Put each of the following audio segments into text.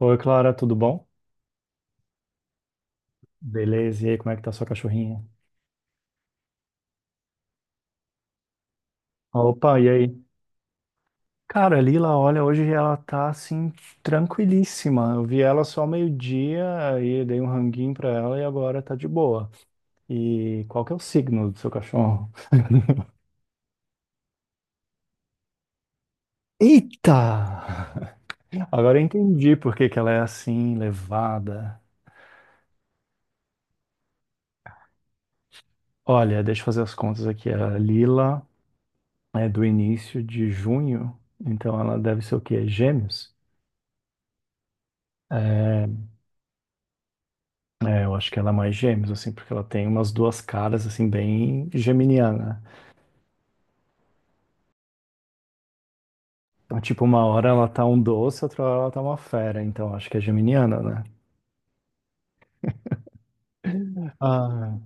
Oi, Clara, tudo bom? Beleza, e aí, como é que tá sua cachorrinha? Opa, e aí? Cara, a Lila, olha, hoje ela tá assim, tranquilíssima. Eu vi ela só meio-dia, aí dei um ranguinho pra ela e agora tá de boa. E qual que é o signo do seu cachorro? Eita! Agora eu entendi por que que ela é assim, levada. Olha, deixa eu fazer as contas aqui. A Lila é do início de junho, então ela deve ser o quê? Gêmeos? É, é, eu acho que ela é mais gêmeos, assim, porque ela tem umas duas caras, assim, bem geminiana. Então, tipo, uma hora ela tá um doce, outra hora ela tá uma fera, então acho que é geminiana, né? Ah,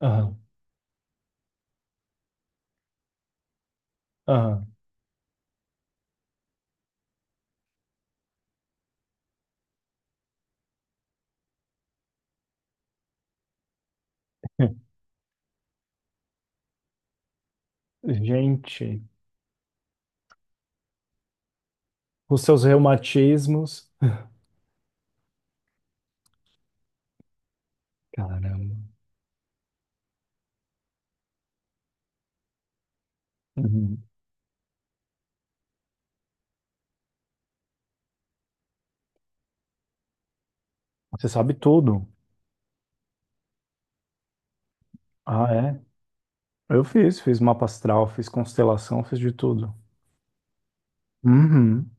ah, ah. Gente, os seus reumatismos. Caramba. Uhum. Você sabe tudo. Ah, é? Eu fiz, fiz mapa astral, fiz constelação, fiz de tudo. Uhum.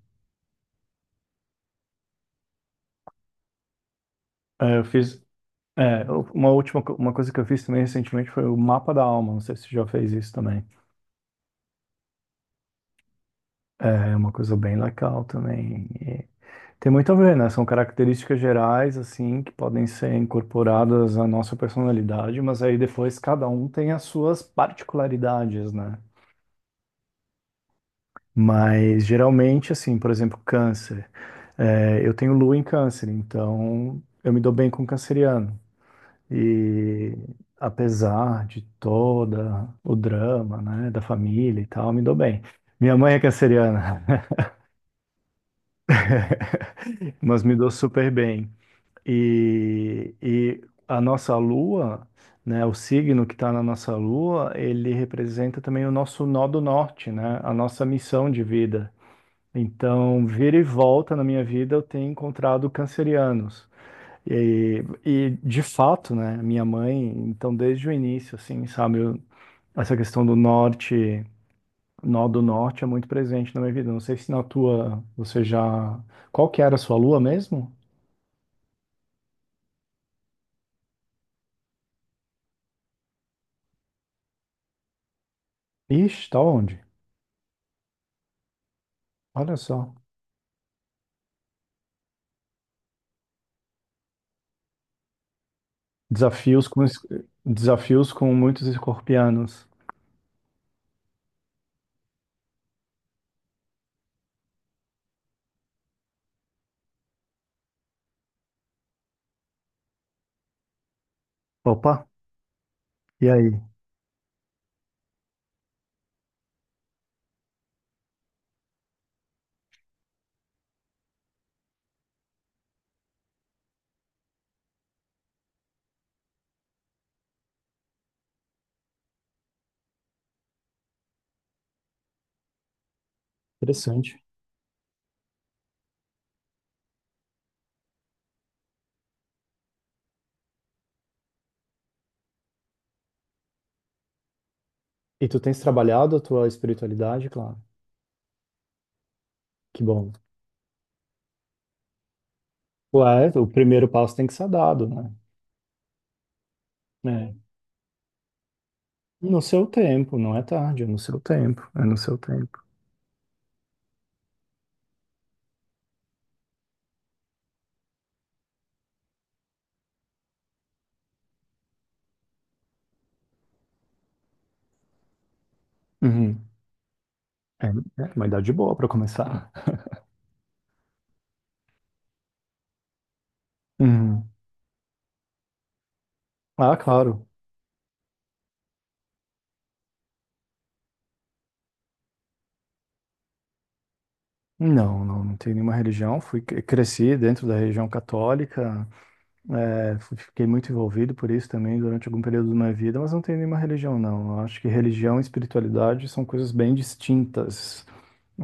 É, eu fiz. É, uma coisa que eu fiz também recentemente foi o mapa da alma. Não sei se você já fez isso também. É uma coisa bem local também. E tem muito a ver, né? São características gerais, assim, que podem ser incorporadas à nossa personalidade, mas aí depois cada um tem as suas particularidades, né? Mas geralmente, assim, por exemplo, câncer. É, eu tenho lua em câncer, então eu me dou bem com canceriano. E apesar de toda o drama, né, da família e tal, me dou bem. Minha mãe é canceriana, mas me dou super bem. E a nossa lua, né, o signo que está na nossa lua, ele representa também o nosso nó do norte, né, a nossa missão de vida. Então, vira e volta na minha vida, eu tenho encontrado cancerianos. E de fato, né, minha mãe, então desde o início, assim, sabe, eu- essa questão do norte, nó do norte é muito presente na minha vida. Não sei se na tua, você já... Qual que era a sua lua mesmo? Ixi, tá onde? Olha só. Desafios com, es- desafios com muitos escorpianos. Opa, e aí? Interessante. E tu tens trabalhado a tua espiritualidade, claro. Que bom. Ué, o primeiro passo tem que ser dado, né? É. No seu tempo, não é tarde, é no seu tempo. É no seu tempo. Uhum. É, é uma idade boa para começar. Uhum. Ah, claro. Não, não, não tenho nenhuma religião. Fui, cresci dentro da religião católica. É, fiquei muito envolvido por isso também durante algum período da minha vida, mas não tenho nenhuma religião, não. Eu acho que religião e espiritualidade são coisas bem distintas.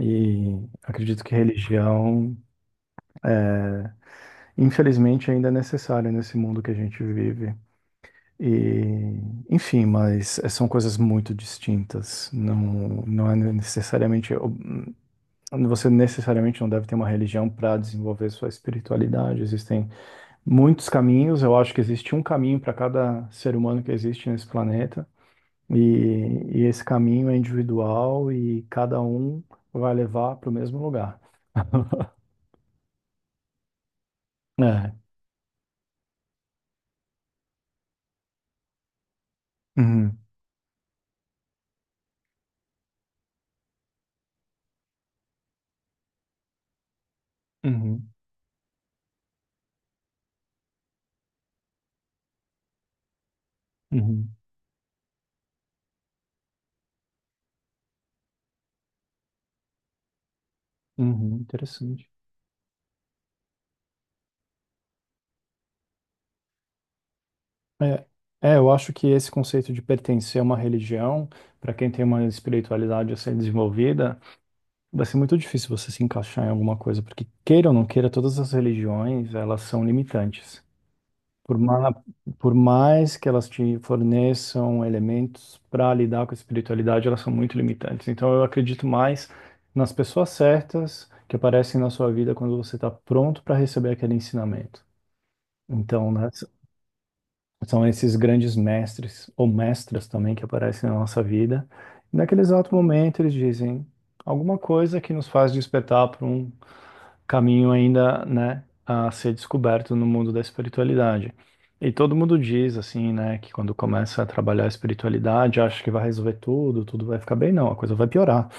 E acredito que religião, infelizmente, ainda é necessária nesse mundo que a gente vive. E, enfim, mas são coisas muito distintas. Não, não é necessariamente. Você necessariamente não deve ter uma religião para desenvolver sua espiritualidade. Existem muitos caminhos. Eu acho que existe um caminho para cada ser humano que existe nesse planeta. E, e esse caminho é individual e cada um vai levar para o mesmo lugar. É. Uhum, uhum, uhum, uhum, interessante. É, é, eu acho que esse conceito de pertencer a uma religião, para quem tem uma espiritualidade a ser desenvolvida, vai ser muito difícil você se encaixar em alguma coisa, porque queira ou não queira, todas as religiões, elas são limitantes. Por, ma- por mais que elas te forneçam elementos para lidar com a espiritualidade, elas são muito limitantes. Então, eu acredito mais nas pessoas certas que aparecem na sua vida quando você está pronto para receber aquele ensinamento. Então, né, são esses grandes mestres ou mestras também que aparecem na nossa vida. E naquele exato momento, eles dizem alguma coisa que nos faz despertar para caminho ainda, né, a ser descoberto no mundo da espiritualidade. E todo mundo diz assim, né, que quando começa a trabalhar a espiritualidade, acha que vai resolver tudo, tudo vai ficar bem, não, a coisa vai piorar.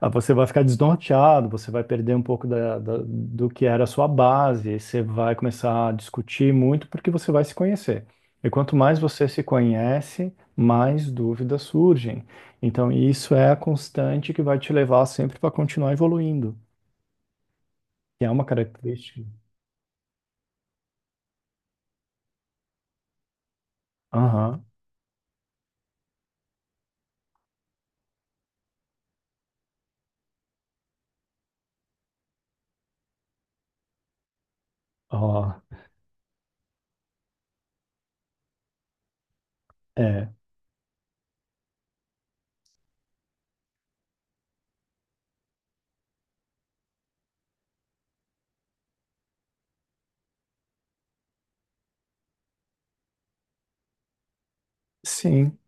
Ah, você vai ficar desnorteado, você vai perder um pouco do que era a sua base, e você vai começar a discutir muito porque você vai se conhecer. E quanto mais você se conhece, mais dúvidas surgem. Então, isso é a constante que vai te levar sempre para continuar evoluindo, que é uma característica. Aham, ó, é, sim,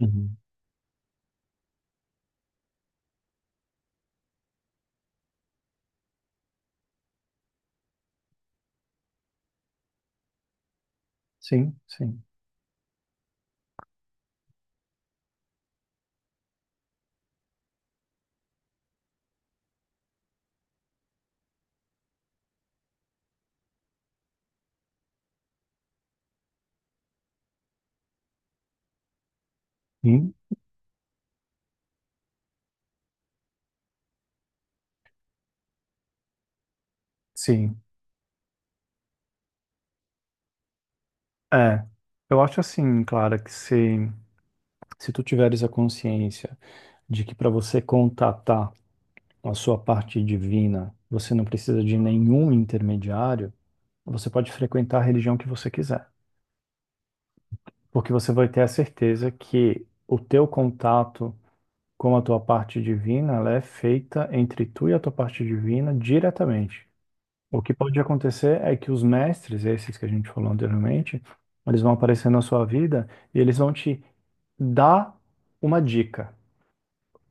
uhum, sim, sim, sim, sim, é, eu acho assim, Clara, que se tu tiveres a consciência de que para você contatar a sua parte divina, você não precisa de nenhum intermediário, você pode frequentar a religião que você quiser, porque você vai ter a certeza que o teu contato com a tua parte divina, ela é feita entre tu e a tua parte divina diretamente. O que pode acontecer é que os mestres, esses que a gente falou anteriormente, eles vão aparecer na sua vida e eles vão te dar uma dica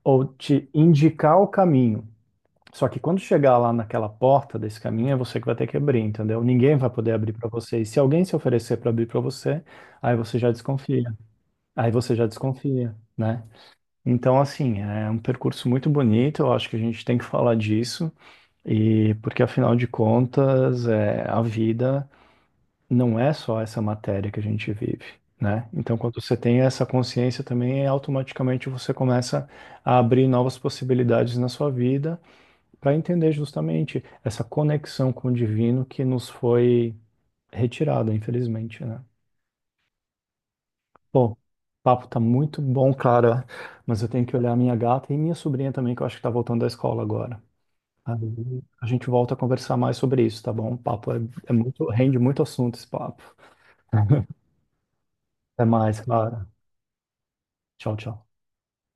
ou te indicar o caminho. Só que quando chegar lá naquela porta desse caminho, é você que vai ter que abrir, entendeu? Ninguém vai poder abrir para você. E se alguém se oferecer para abrir para você, aí você já desconfia. Aí você já desconfia, né? Então, assim, é um percurso muito bonito. Eu acho que a gente tem que falar disso. E porque afinal de contas, é, a vida não é só essa matéria que a gente vive, né? Então, quando você tem essa consciência também, é automaticamente você começa a abrir novas possibilidades na sua vida para entender justamente essa conexão com o divino que nos foi retirada, infelizmente, né? Bom, o papo tá muito bom, cara, mas eu tenho que olhar a minha gata e minha sobrinha também, que eu acho que tá voltando da escola agora. Aí a gente volta a conversar mais sobre isso, tá bom? O papo é, é muito, rende muito assunto esse papo. Até mais, Clara. Tchau, tchau.